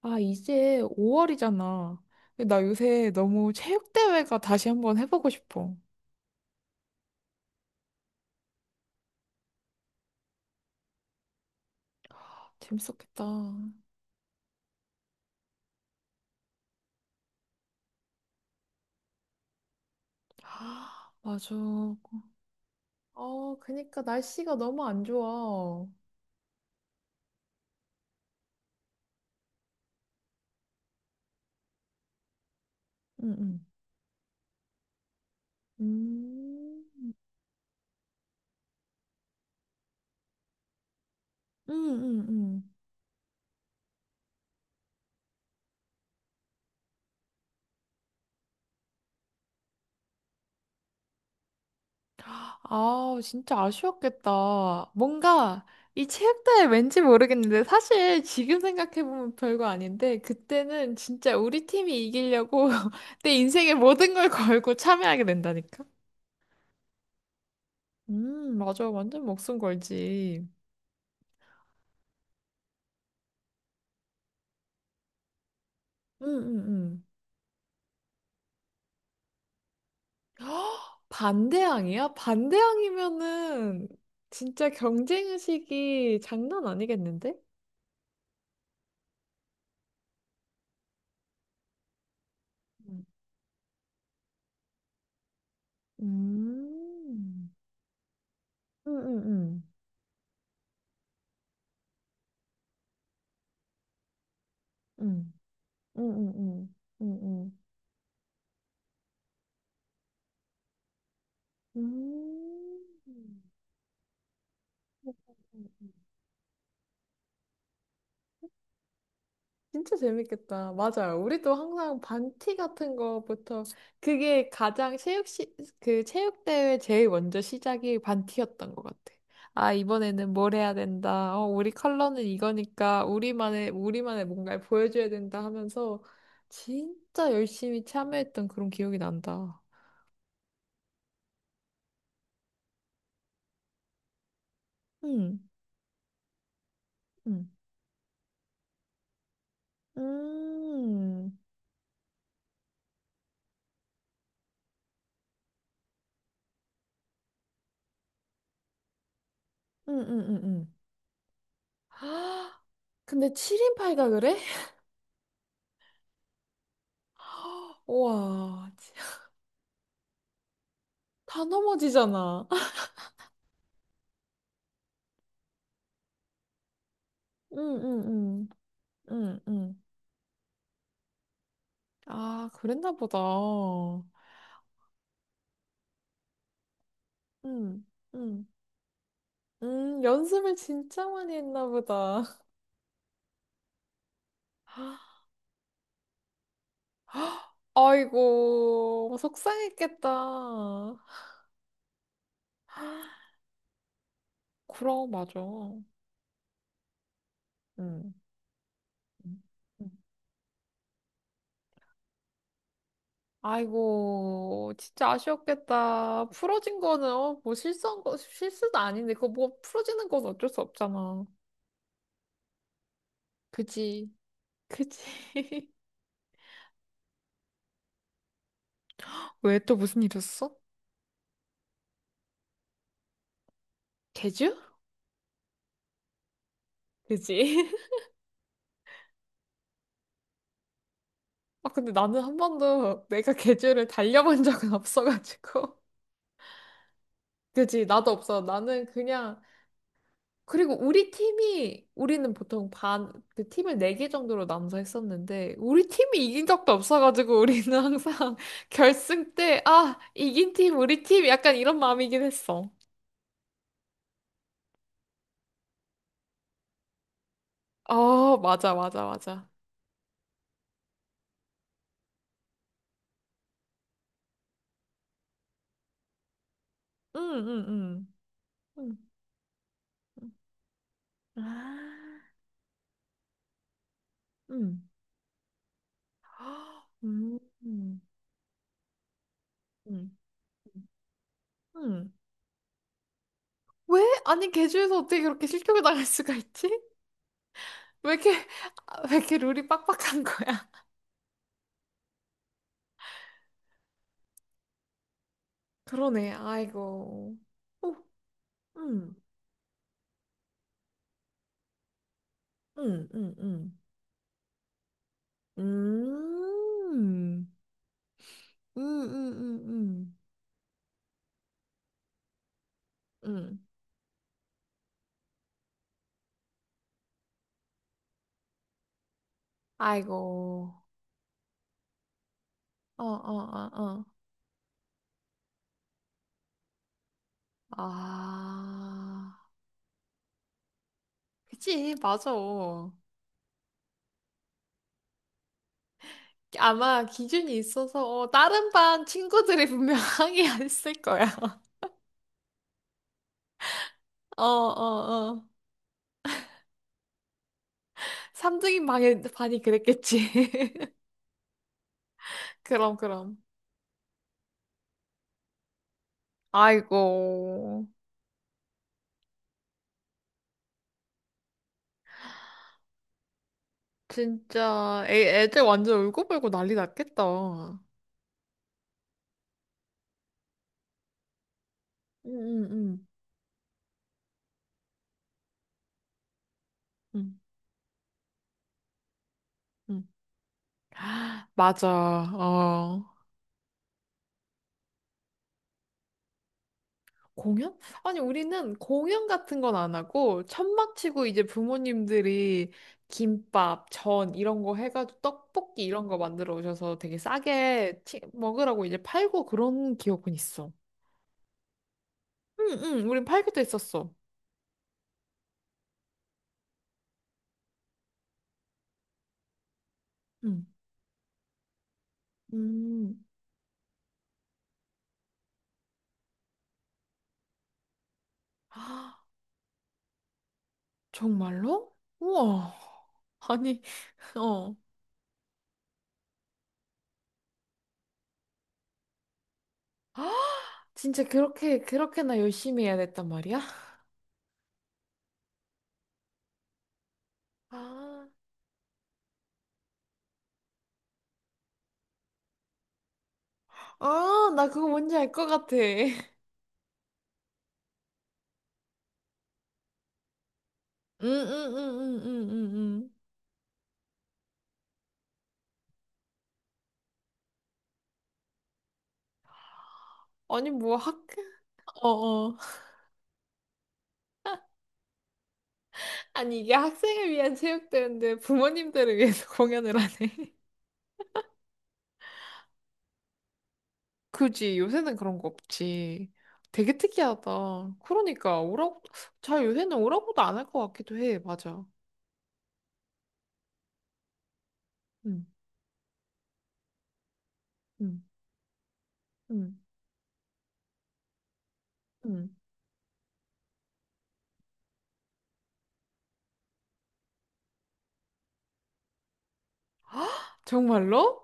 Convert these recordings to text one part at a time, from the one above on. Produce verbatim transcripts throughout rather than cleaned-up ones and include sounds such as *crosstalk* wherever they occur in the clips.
아, 이제 오월이잖아. 나 요새 너무 체육대회가 다시 한번 해보고 싶어. 재밌었겠다. *gasps* 아, 맞아. 어, 그니까 날씨가 너무 안 좋아. 응, 응. 음, 응, 응, 응. 아, 진짜 아쉬웠겠다. 뭔가 이 체육대회 왠지 모르겠는데 사실 지금 생각해보면 별거 아닌데 그때는 진짜 우리 팀이 이기려고 *laughs* 내 인생의 모든 걸 걸고 참여하게 된다니까. 음, 맞아. 완전 목숨 걸지. 응응 응. *gasps* 반대항이야? 반대항이면은 진짜 경쟁의식이 장난 아니겠는데? 음. 음, 음, 음, 음, 음, 음, 음, 음, 음, 음. 음. 음, 음, 음, 진짜 재밌겠다. 맞아요. 우리도 항상 반티 같은 거부터 그게 가장 체육 시, 그 체육대회 제일 먼저 시작이 반티였던 것 같아. 아, 이번에는 뭘 해야 된다. 어, 우리 컬러는 이거니까 우리만의 우리만의 뭔가를 보여줘야 된다 하면서 진짜 열심히 참여했던 그런 기억이 난다. 음. 음. 음. 음. 음. 음. 아, *gasps* 근데 칠 인 팔 가 그래? 우와. 다 넘어지잖아. 응, 응, 응, 응, 응. 아, 그랬나 보다. 응, 응. 음, 연습을 진짜 많이 했나 보다. *gasps* *laughs* 아이고, 속상했겠다. 그럼, 맞아. 응, 응, 응. 아이고, 진짜 아쉬웠겠다. 풀어진 거는, 어, 뭐 실수한 거, 실수도 아닌데, 그거 뭐 풀어지는 건 어쩔 수 없잖아. 그지, 그지. *laughs* 왜 또 무슨 일이었어? 제주? 그지? 아, 근데 나는 한 번도 내가 *laughs* 계절을 달려본 적은 *laughs* 없어가지고. 그지, 나도 없어. 나는 그냥, 그리고 우리 팀이, 우리는 보통 반, 그 팀을 네 개 정도로 나눠서 했었는데, 우리 팀이 이긴 적도 없어가지고, 우리는 항상 *laughs* 결승 때, 아, 이긴 팀, 우리 팀, 약간 이런 마음이긴 했어. 어, 맞아, 맞아, 맞아. 응, 응, 응. 응. 응. 아, 응. *gasps* 음. 음. 음. 음. 왜? 아니, 개주에서 어떻게 그렇게 실격을 당할 수가 있지? 왜 이렇게, 아, 왜 이렇게 룰이 빡빡한 거야? *laughs* 그러네, 아이고. 어, 음, 음, 음, 음. 음, 음, 음, 음, 음. 음. 아이고. 어, 어, 어, 어. 아. 그치, 맞아. 아마 기준이 있어서, 어, 다른 반 친구들이 분명 항의했을 거야. *laughs* 어, 어, 어. 삼 등인 반이, 반이 그랬겠지. *laughs* 그럼, 그럼. 아이고. 진짜, 애, 애들 완전 울고불고 난리 났겠다. 응, 응, 응. 응, 응. *gasps* 맞아. 어. 공연? 아니, 우리는 공연 같은 건 안 하고, 천막 치고 이제 부모님들이 김밥, 전 이런 거 해가지고 떡볶이 이런 거 만들어 오셔서 되게 싸게 치- 먹으라고 이제 팔고 그런 기억은 있어. 응, 응, 우린 팔기도 했었어. 응. 음. 아, 정말로? 우와. 아니, *laughs* 어. 진짜 그렇게, 그렇게나 열심히 해야 됐단 말이야? 아, 아, 나 그거 뭔지 알 것 같아. 응, 응, 응, 응, 응, 응. 응. 아니, 뭐, 학, 어, 어. 아니, 이게 학생을 위한 체육대회인데 부모님들을 위해서 *laughs* 공연을 하네. 그지, 요새는 그런 거 없지. 되게 특이하다. 그러니까, 오라고, 잘 요새는 오라고도 안 할 것 같기도 해. 맞아. 응, 응, 응. 음. *gasps* 정말로?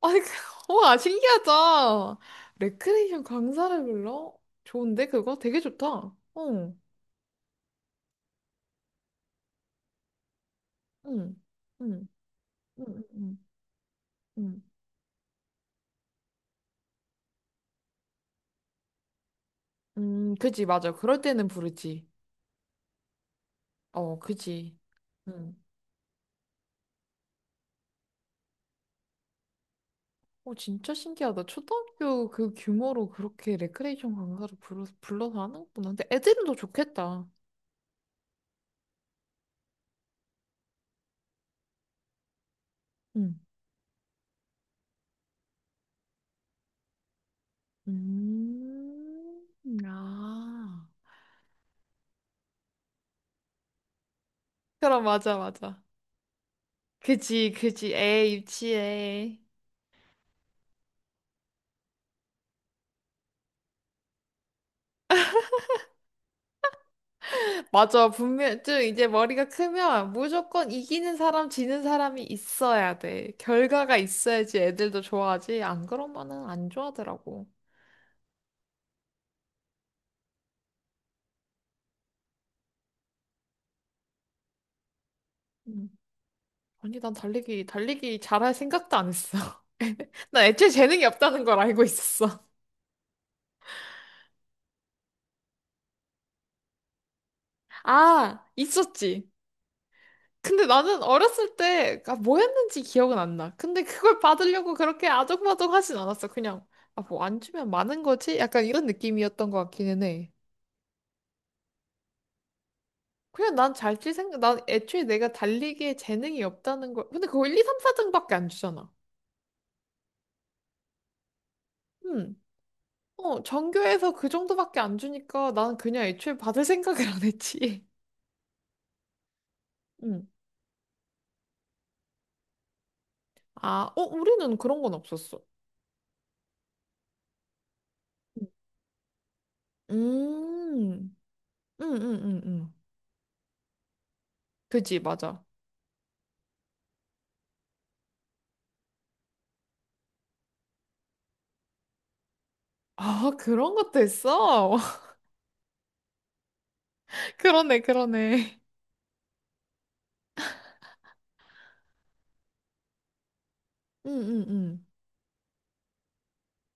아니, 그- *laughs* 와, 신기하다. 레크레이션 강사를 불러? 좋은데, 그거? 되게 좋다. 어, 응, 응, 응, 응, 응, 응. 음, 그지, 맞아. 그럴 때는 부르지. 어, 그지. 응. 어, 진짜 신기하다. 초등학교 그 규모로 그렇게 레크레이션 강사를 불러, 불러서 하는구나. 근데 애들은 더 좋겠다. 응. 음, 아. 그럼, 맞아, 맞아. 그지, 그지. 애 유치해. 맞아. 분명, 좀 이제 머리가 크면 무조건 이기는 사람, 지는 사람이 있어야 돼. 결과가 있어야지 애들도 좋아하지. 안 그러면은 안 좋아하더라고. 음. 아니, 난 달리기, 달리기 잘할 생각도 안 했어. *laughs* 난 애초에 재능이 없다는 걸 알고 있었어. 아, 있었지. 근데 나는 어렸을 때, 아, 뭐였는지 기억은 안 나. 근데 그걸 받으려고 그렇게 아등바등 하진 않았어. 그냥, 아, 뭐 안 주면 많은 거지? 약간 이런 느낌이었던 것 같기는 해. 그냥 난 잘지 생각, 난 애초에 내가 달리기에 재능이 없다는 걸, 근데 그거 일, 이, 삼, 사 등밖에 안 주잖아. 음. 어, 전교에서 그 정도밖에 안 주니까 나는 그냥 애초에 받을 생각을 안 했지. *laughs* 음. 아, 어, 우리는 그런 건 없었어. 음. 음, 음, 음, 음. 그지, 맞아. 아, 그런 것도 있어? 그러네, 그러네. 응, 응, 응.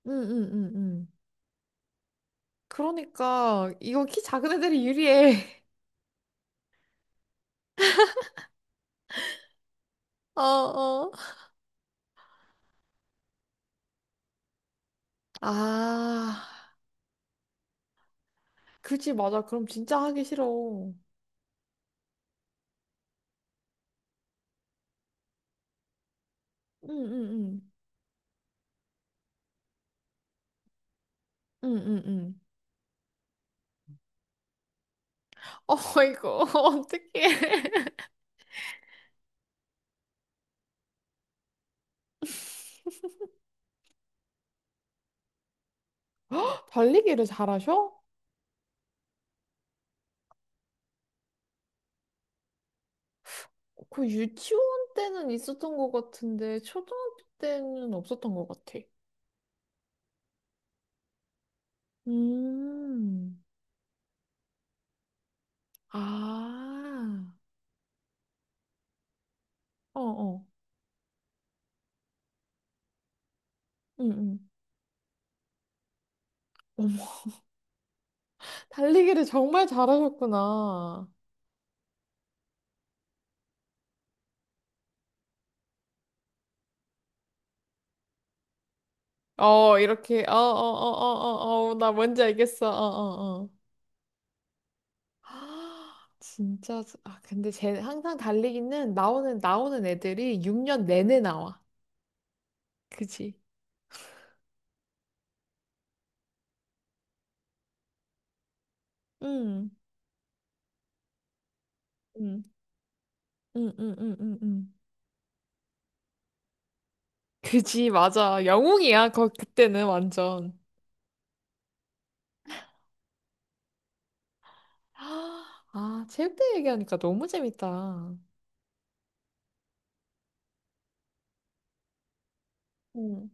응, 응, 응, 응. 그러니까 이거 키 작은 애들이 유리해. *laughs* 어, 어. 아, 그지 맞아. 그럼 진짜 하기 싫어. 응 응, 응, 응. 응, 응, 어 이거 *laughs* 어떡해. *laughs* 달리기를 잘하셔? 그 유치원 때는 있었던 것 같은데 초등학교 때는 없었던 것 같아. 음. 아, 어, 어. 응, 응. 달리기를 정말 잘하셨구나. 어, 이렇게, 어, 어, 어, 어, 어, 어, 나 뭔지 알겠어. 어, 어, 어. *gasps* 아, 진짜, 수- 아, 근데 쟤 항상 달리기는 나오는, 나오는 애들이 육 년 내내 나와. 그지? 응, 응, 응, 응, 응, 응. 응. 그지, 맞아. 영웅이야, 거, 그때는 완전. *gasps* 아, 체육대회 얘기하니까 너무 재밌다. 응.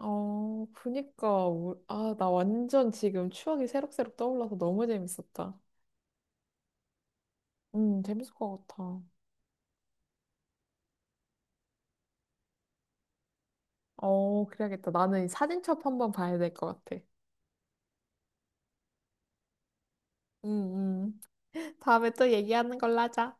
어, 그니까, 우- 아, 나 완전 지금 추억이 새록새록 떠올라서 너무 재밌었다. 음, 재밌을 것 같아. 어, 그래야겠다. 나는 이 사진첩 한번 봐야 될 것 같아. 음, 음. *laughs* 다음에 또 얘기하는 걸로 하자.